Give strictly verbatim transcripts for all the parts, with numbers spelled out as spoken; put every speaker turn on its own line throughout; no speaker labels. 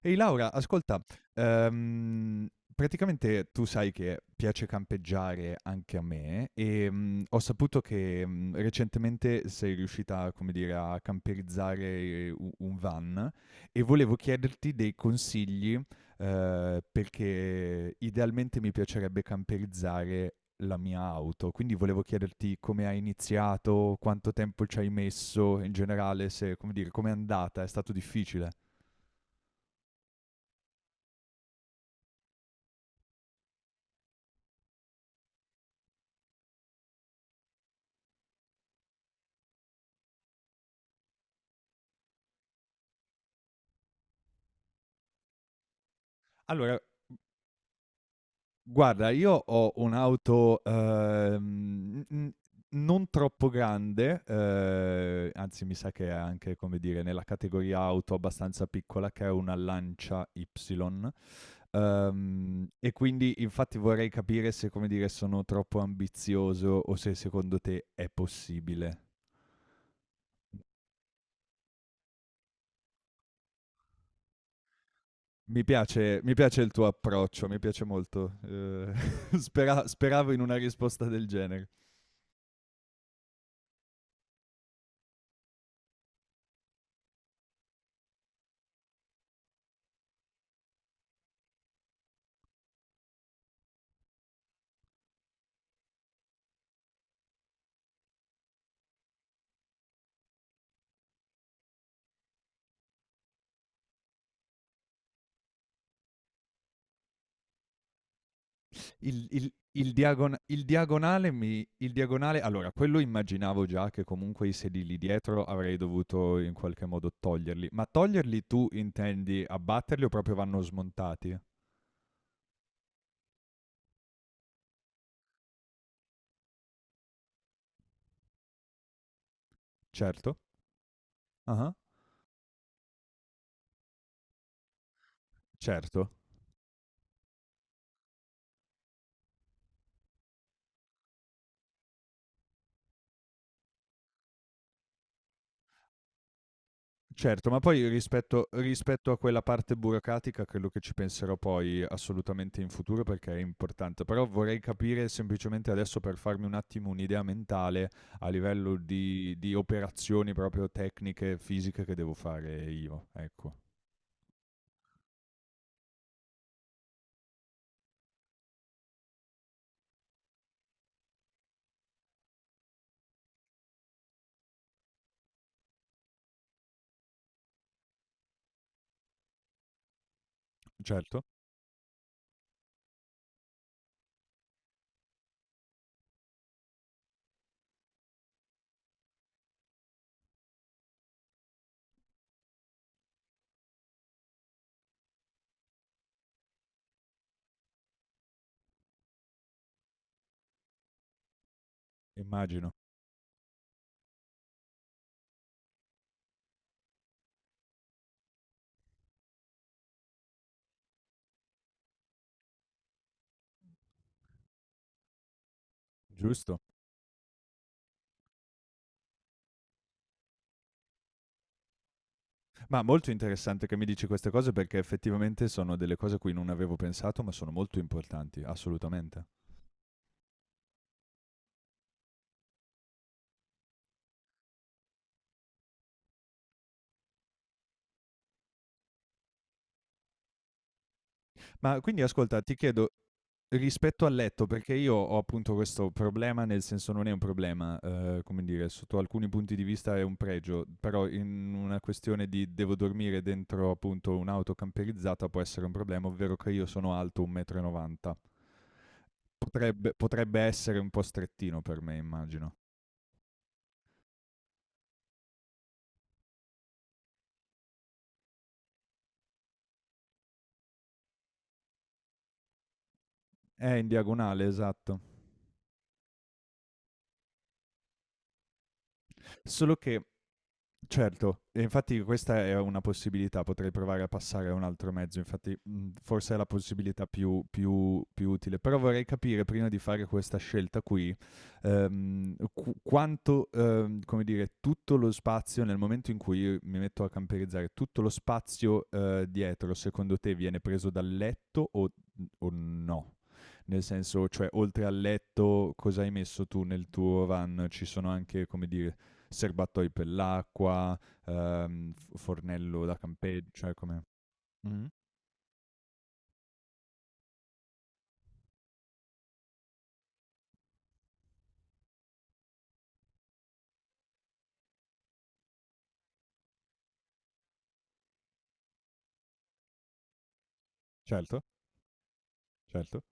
Ehi Laura, ascolta, ehm, praticamente tu sai che piace campeggiare anche a me e mm, ho saputo che mm, recentemente sei riuscita, come dire, a camperizzare eh, u- un van e volevo chiederti dei consigli eh, perché idealmente mi piacerebbe camperizzare la mia auto, quindi volevo chiederti come hai iniziato, quanto tempo ci hai messo in generale, se, come dire, com'è andata, è stato difficile? Allora, guarda, io ho un'auto, uhm, n n non troppo grande, uhm, anzi mi sa che è anche, come dire, nella categoria auto abbastanza piccola, che è una Lancia Y, uhm, e quindi infatti vorrei capire se, come dire, sono troppo ambizioso o se secondo te è possibile. Mi piace mi piace il tuo approccio, mi piace molto. Uhm, spera speravo in una risposta del genere. Il, il- il diagon- il diagonale mi... Il diagonale... Allora, quello immaginavo già che comunque i sedili dietro avrei dovuto in qualche modo toglierli. Ma toglierli tu intendi abbatterli o proprio vanno smontati? Certo. Ah, certo. Certo, ma poi rispetto rispetto a quella parte burocratica credo che ci penserò poi assolutamente in futuro perché è importante, però vorrei capire semplicemente adesso per farmi un attimo un'idea mentale a livello di di operazioni proprio tecniche, fisiche che devo fare io, ecco. Certo, immagino. Giusto. Ma molto interessante che mi dici queste cose perché effettivamente sono delle cose a cui non avevo pensato, ma sono molto importanti, assolutamente. Ma quindi ascolta, ti chiedo rispetto al letto, perché io ho appunto questo problema, nel senso non è un problema, eh, come dire, sotto alcuni punti di vista è un pregio, però in una questione di devo dormire dentro appunto un'auto camperizzata può essere un problema, ovvero che io sono alto un metro e novanta m. Potrebbe, potrebbe essere un po' strettino per me, immagino. È in diagonale, esatto. Solo che certo, e infatti questa è una possibilità, potrei provare a passare a un altro mezzo, infatti mh, forse è la possibilità più, più- più utile, però vorrei capire prima di fare questa scelta qui ehm, qu- quanto, ehm, come dire, tutto lo spazio, nel momento in cui io mi metto a camperizzare, tutto lo spazio eh, dietro, secondo te viene preso dal letto o o no? Nel senso, cioè, oltre al letto, cosa hai messo tu nel tuo run? Ci sono anche, come dire, serbatoi per l'acqua, ehm, f- fornello da campeggio, cioè come... Mhm. Certo, certo.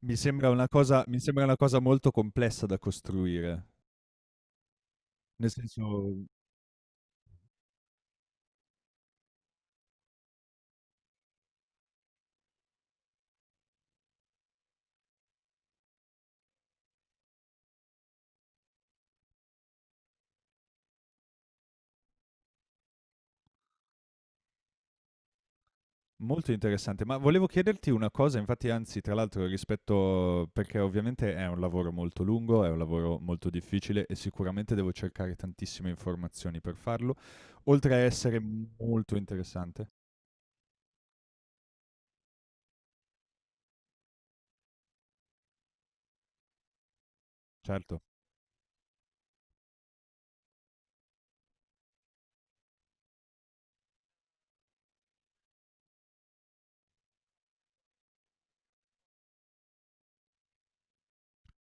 Mi sembra una cosa, mi sembra una cosa molto complessa da costruire. Nel senso, molto interessante, ma volevo chiederti una cosa, infatti anzi tra l'altro rispetto perché ovviamente è un lavoro molto lungo, è un lavoro molto difficile e sicuramente devo cercare tantissime informazioni per farlo, oltre a essere molto interessante. Certo.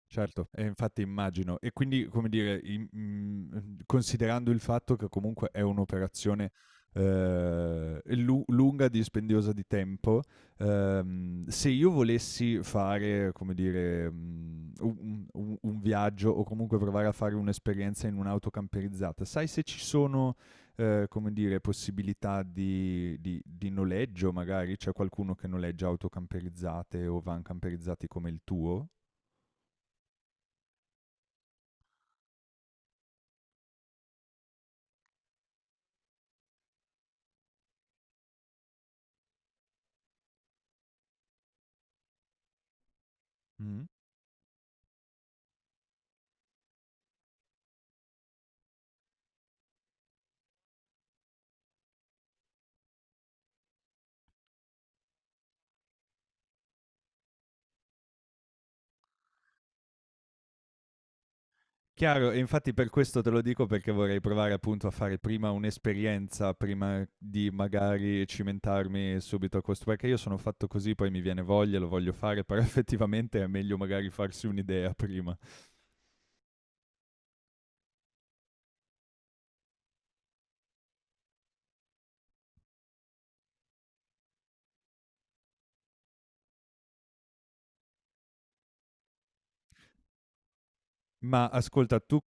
Certo, e infatti immagino. E quindi, come dire, im- mhmm, considerando il fatto che comunque è un'operazione, ehm, lu lunga, dispendiosa di tempo, ehm, se io volessi fare, come dire, mhmm, u un u un viaggio o comunque provare a fare un'esperienza in un'auto camperizzata, sai se ci sono, ehm, come dire, possibilità di di di noleggio magari? C'è qualcuno che noleggia auto camperizzate o van camperizzati come il tuo? Mh. Chiaro, e infatti per questo te lo dico perché vorrei provare appunto a fare prima un'esperienza, prima di magari cimentarmi subito a questo, perché io sono fatto così, poi mi viene voglia, lo voglio fare, però effettivamente è meglio magari farsi un'idea prima. Ma ascolta, tu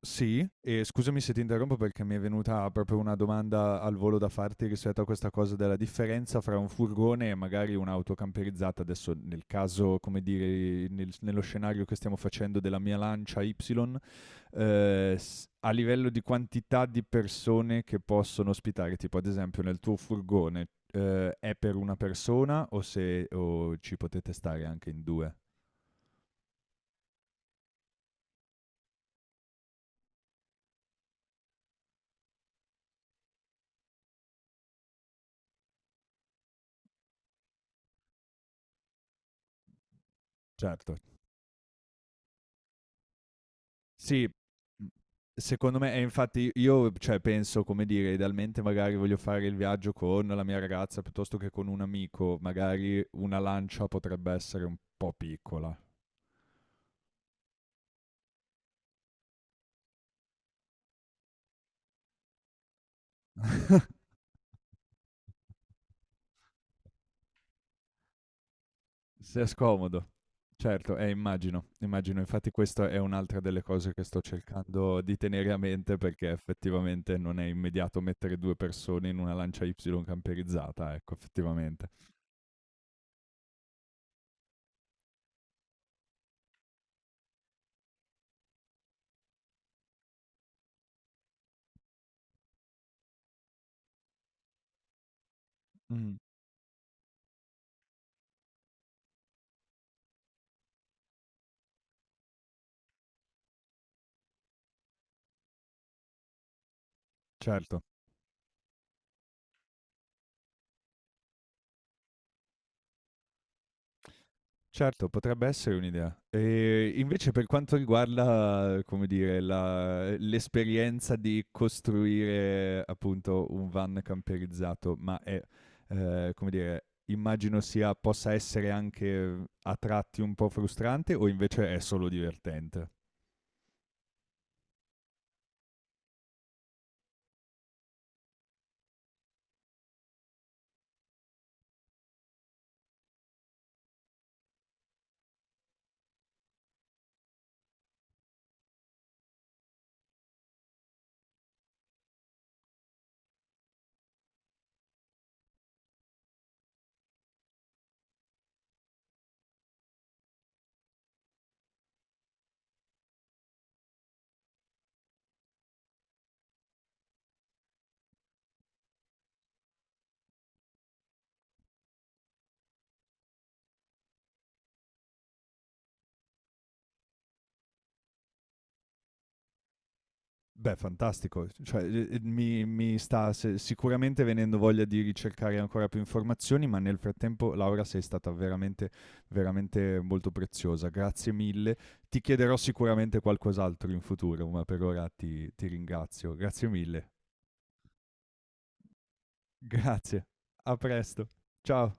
sì, e scusami se ti interrompo perché mi è venuta proprio una domanda al volo da farti rispetto a questa cosa della differenza fra un furgone e magari un'auto camperizzata. Adesso nel caso, come dire, nel- nello scenario che stiamo facendo della mia Lancia Y eh, s- a livello di quantità di persone che possono ospitare, tipo ad esempio nel tuo furgone, eh, è per una persona o, se, o ci potete stare anche in due? Certo. Sì, m- secondo me, e infatti io cioè, penso, come dire, idealmente magari voglio fare il viaggio con la mia ragazza piuttosto che con un amico, magari una lancia potrebbe essere un po' piccola. Se è scomodo. Certo, eh, immagino, immagino. Infatti questa è un'altra delle cose che sto cercando di tenere a mente perché effettivamente non è immediato mettere due persone in una lancia Y camperizzata, ecco, effettivamente. Mh, certo. Certo, potrebbe essere un'idea. E invece per quanto riguarda, come dire, la l'esperienza di costruire appunto un van camperizzato, ma è, ehm, come dire, immagino sia possa essere anche a tratti un po' frustrante o invece è solo divertente? Beh, fantastico, cioè, ehm, mi mi sta se sicuramente venendo voglia di ricercare ancora più informazioni, ma nel frattempo, Laura, sei stata veramente, veramente molto preziosa. Grazie mille. Ti chiederò sicuramente qualcos'altro in futuro, ma per ora ti ti ringrazio. Grazie mille. Grazie. A presto. Ciao.